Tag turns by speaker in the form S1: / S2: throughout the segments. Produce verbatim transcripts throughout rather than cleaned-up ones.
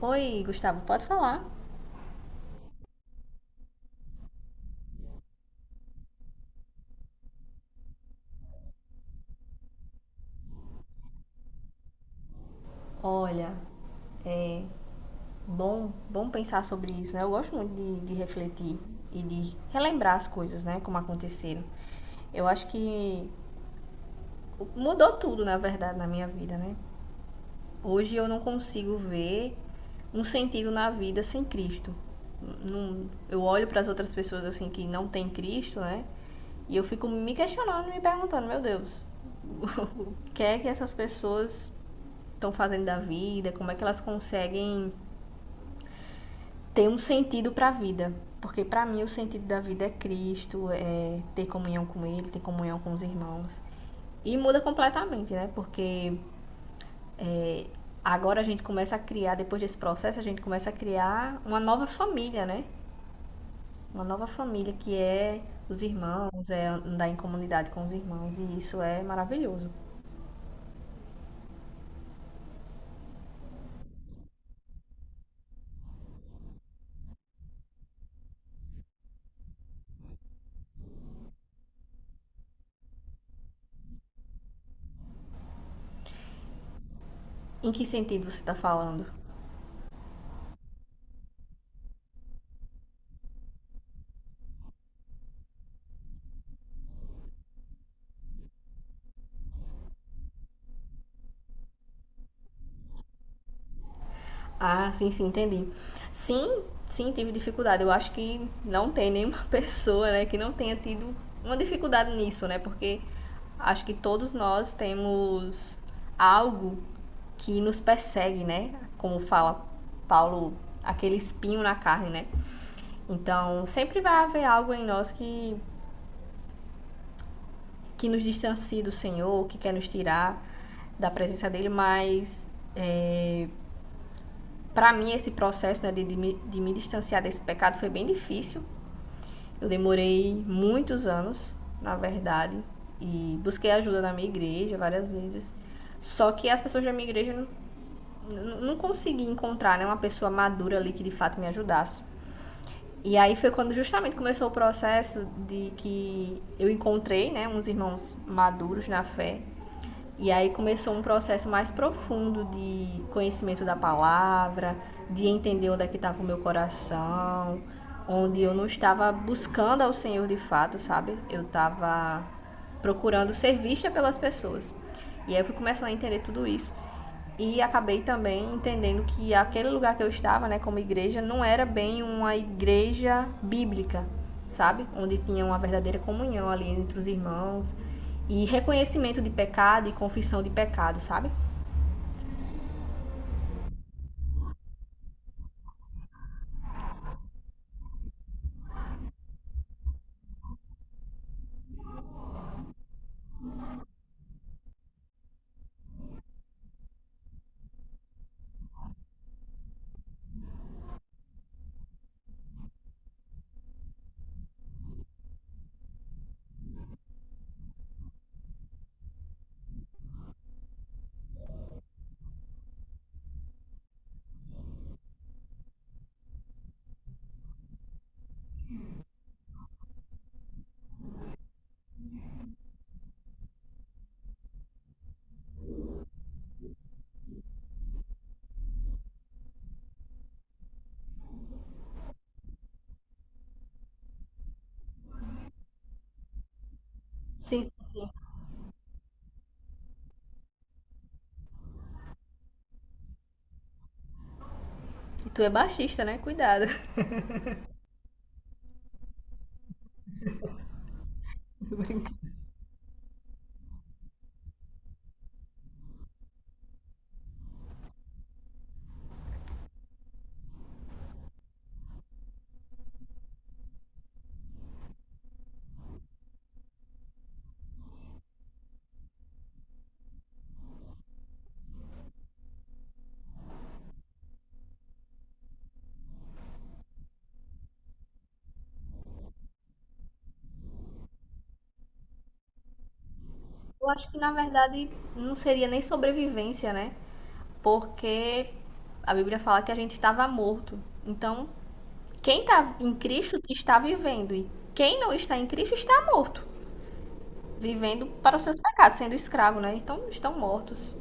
S1: Oi, Gustavo, pode falar. Olha, é bom, bom pensar sobre isso, né? Eu gosto muito de, de refletir e de relembrar as coisas, né? Como aconteceram. Eu acho que mudou tudo, na verdade, na minha vida, né? Hoje eu não consigo ver um sentido na vida sem Cristo. Não- eu olho para as outras pessoas assim que não têm Cristo, né? E eu fico me questionando, me perguntando, meu Deus, o que é que essas pessoas estão fazendo da vida, como é que elas conseguem ter um sentido para a vida. Porque para mim o sentido da vida é Cristo, é ter comunhão com Ele, ter comunhão com os irmãos. E muda completamente, né? Porque é, agora a gente começa a criar, depois desse processo, a gente começa a criar uma nova família, né? Uma nova família que é os irmãos, é andar em comunidade com os irmãos. E isso é maravilhoso. Em que sentido você está falando? Ah, sim, sim, entendi. Sim, sim, tive dificuldade. Eu acho que não tem nenhuma pessoa, né, que não tenha tido uma dificuldade nisso, né? Porque acho que todos nós temos algo que nos persegue, né? Como fala Paulo, aquele espinho na carne, né? Então, sempre vai haver algo em nós que, que nos distancie do Senhor, que quer nos tirar da presença dele, mas para mim, esse processo né, de, de, me, de me distanciar desse pecado foi bem difícil. Eu demorei muitos anos, na verdade, e busquei ajuda na minha igreja várias vezes. Só que as pessoas da minha igreja não, não consegui encontrar né, uma pessoa madura ali que de fato me ajudasse. E aí foi quando justamente começou o processo de que eu encontrei, né, uns irmãos maduros na fé. E aí começou um processo mais profundo de conhecimento da palavra, de entender onde é que estava o meu coração, onde eu não estava buscando ao Senhor de fato, sabe? Eu estava procurando ser vista pelas pessoas. E aí eu fui começando a entender tudo isso. E acabei também entendendo que aquele lugar que eu estava, né, como igreja, não era bem uma igreja bíblica, sabe? Onde tinha uma verdadeira comunhão ali entre os irmãos e reconhecimento de pecado e confissão de pecado, sabe? Sim, sim, sim. E tu é baixista, né? Cuidado. Brincadeira. Eu acho que na verdade não seria nem sobrevivência, né? Porque a Bíblia fala que a gente estava morto. Então, quem está em Cristo está vivendo e quem não está em Cristo está morto, vivendo para os seus pecados, sendo escravo, né? Então, estão mortos.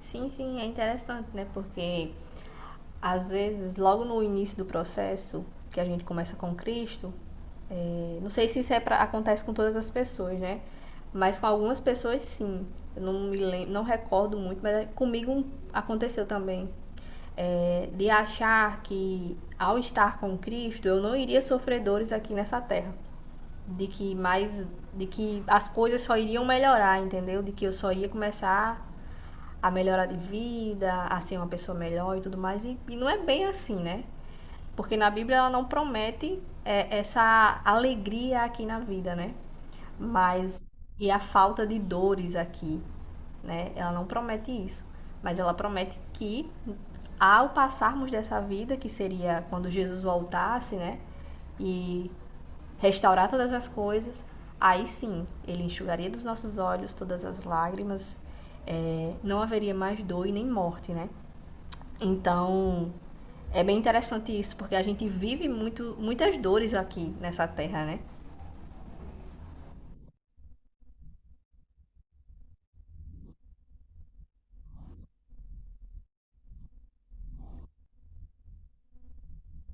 S1: Sim, sim, é interessante, né? Porque às vezes, logo no início do processo que a gente começa com Cristo, não sei se isso é pra, acontece com todas as pessoas, né? Mas com algumas pessoas sim. Eu não me lembro, não recordo muito, mas comigo aconteceu também. É, de achar que ao estar com Cristo eu não iria sofrer dores aqui nessa terra. De que mais. De que as coisas só iriam melhorar, entendeu? De que eu só ia começar a melhorar de vida, a ser uma pessoa melhor e tudo mais. E, e não é bem assim, né? Porque na Bíblia ela não promete é, essa alegria aqui na vida, né? Mas e a falta de dores aqui, né? Ela não promete isso, mas ela promete que ao passarmos dessa vida, que seria quando Jesus voltasse, né? E restaurar todas as coisas, aí sim, ele enxugaria dos nossos olhos todas as lágrimas, é, não haveria mais dor e nem morte, né? Então, é bem interessante isso, porque a gente vive muito, muitas dores aqui nessa terra, né?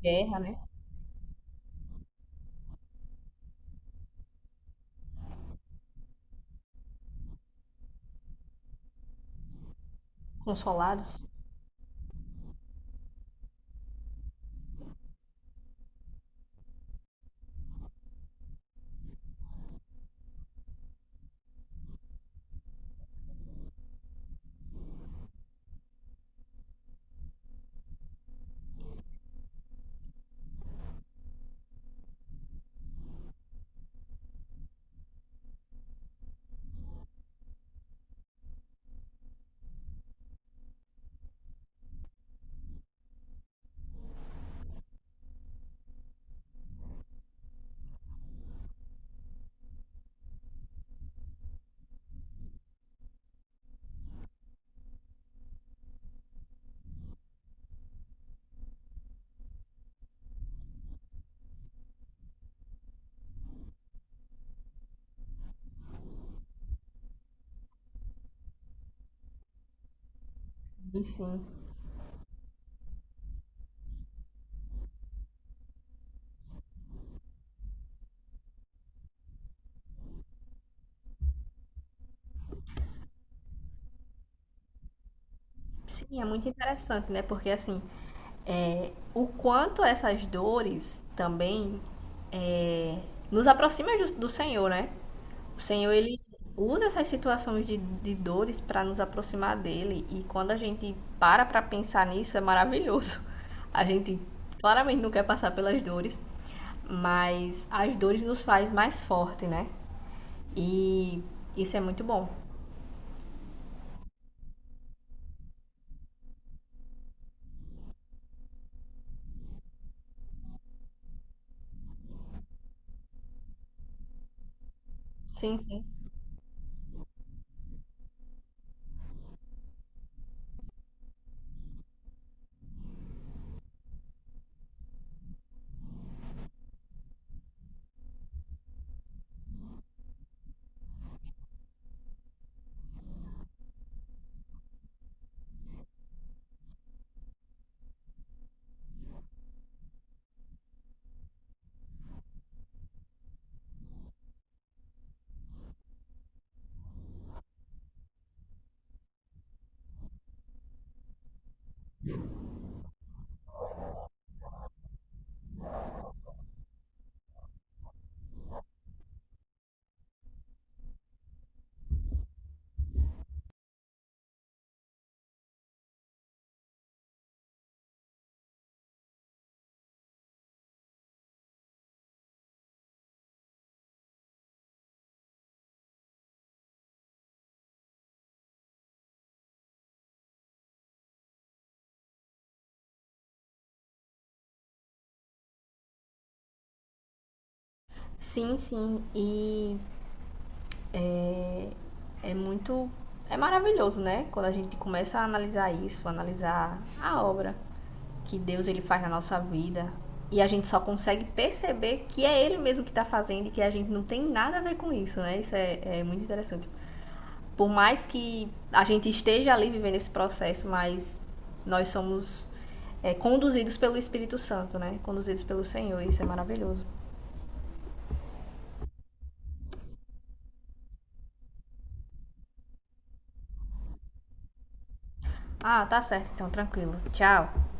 S1: Guerra, né? Consolados. E sim. Sim, é muito interessante, né? Porque assim, é, o quanto essas dores também é, nos aproxima do, do Senhor, né? O Senhor, ele usa essas situações de, de dores para nos aproximar dele. E quando a gente para para pensar nisso, é maravilhoso. A gente claramente não quer passar pelas dores, mas as dores nos faz mais forte, né? E isso é muito bom. Sim, sim. Sim, sim. E é, é muito. É maravilhoso, né? Quando a gente começa a analisar isso, analisar a obra que Deus ele faz na nossa vida. E a gente só consegue perceber que é Ele mesmo que está fazendo e que a gente não tem nada a ver com isso, né? Isso é, é muito interessante. Por mais que a gente esteja ali vivendo esse processo, mas nós somos é, conduzidos pelo Espírito Santo, né? Conduzidos pelo Senhor. Isso é maravilhoso. Ah, tá certo, então, tranquilo. Tchau.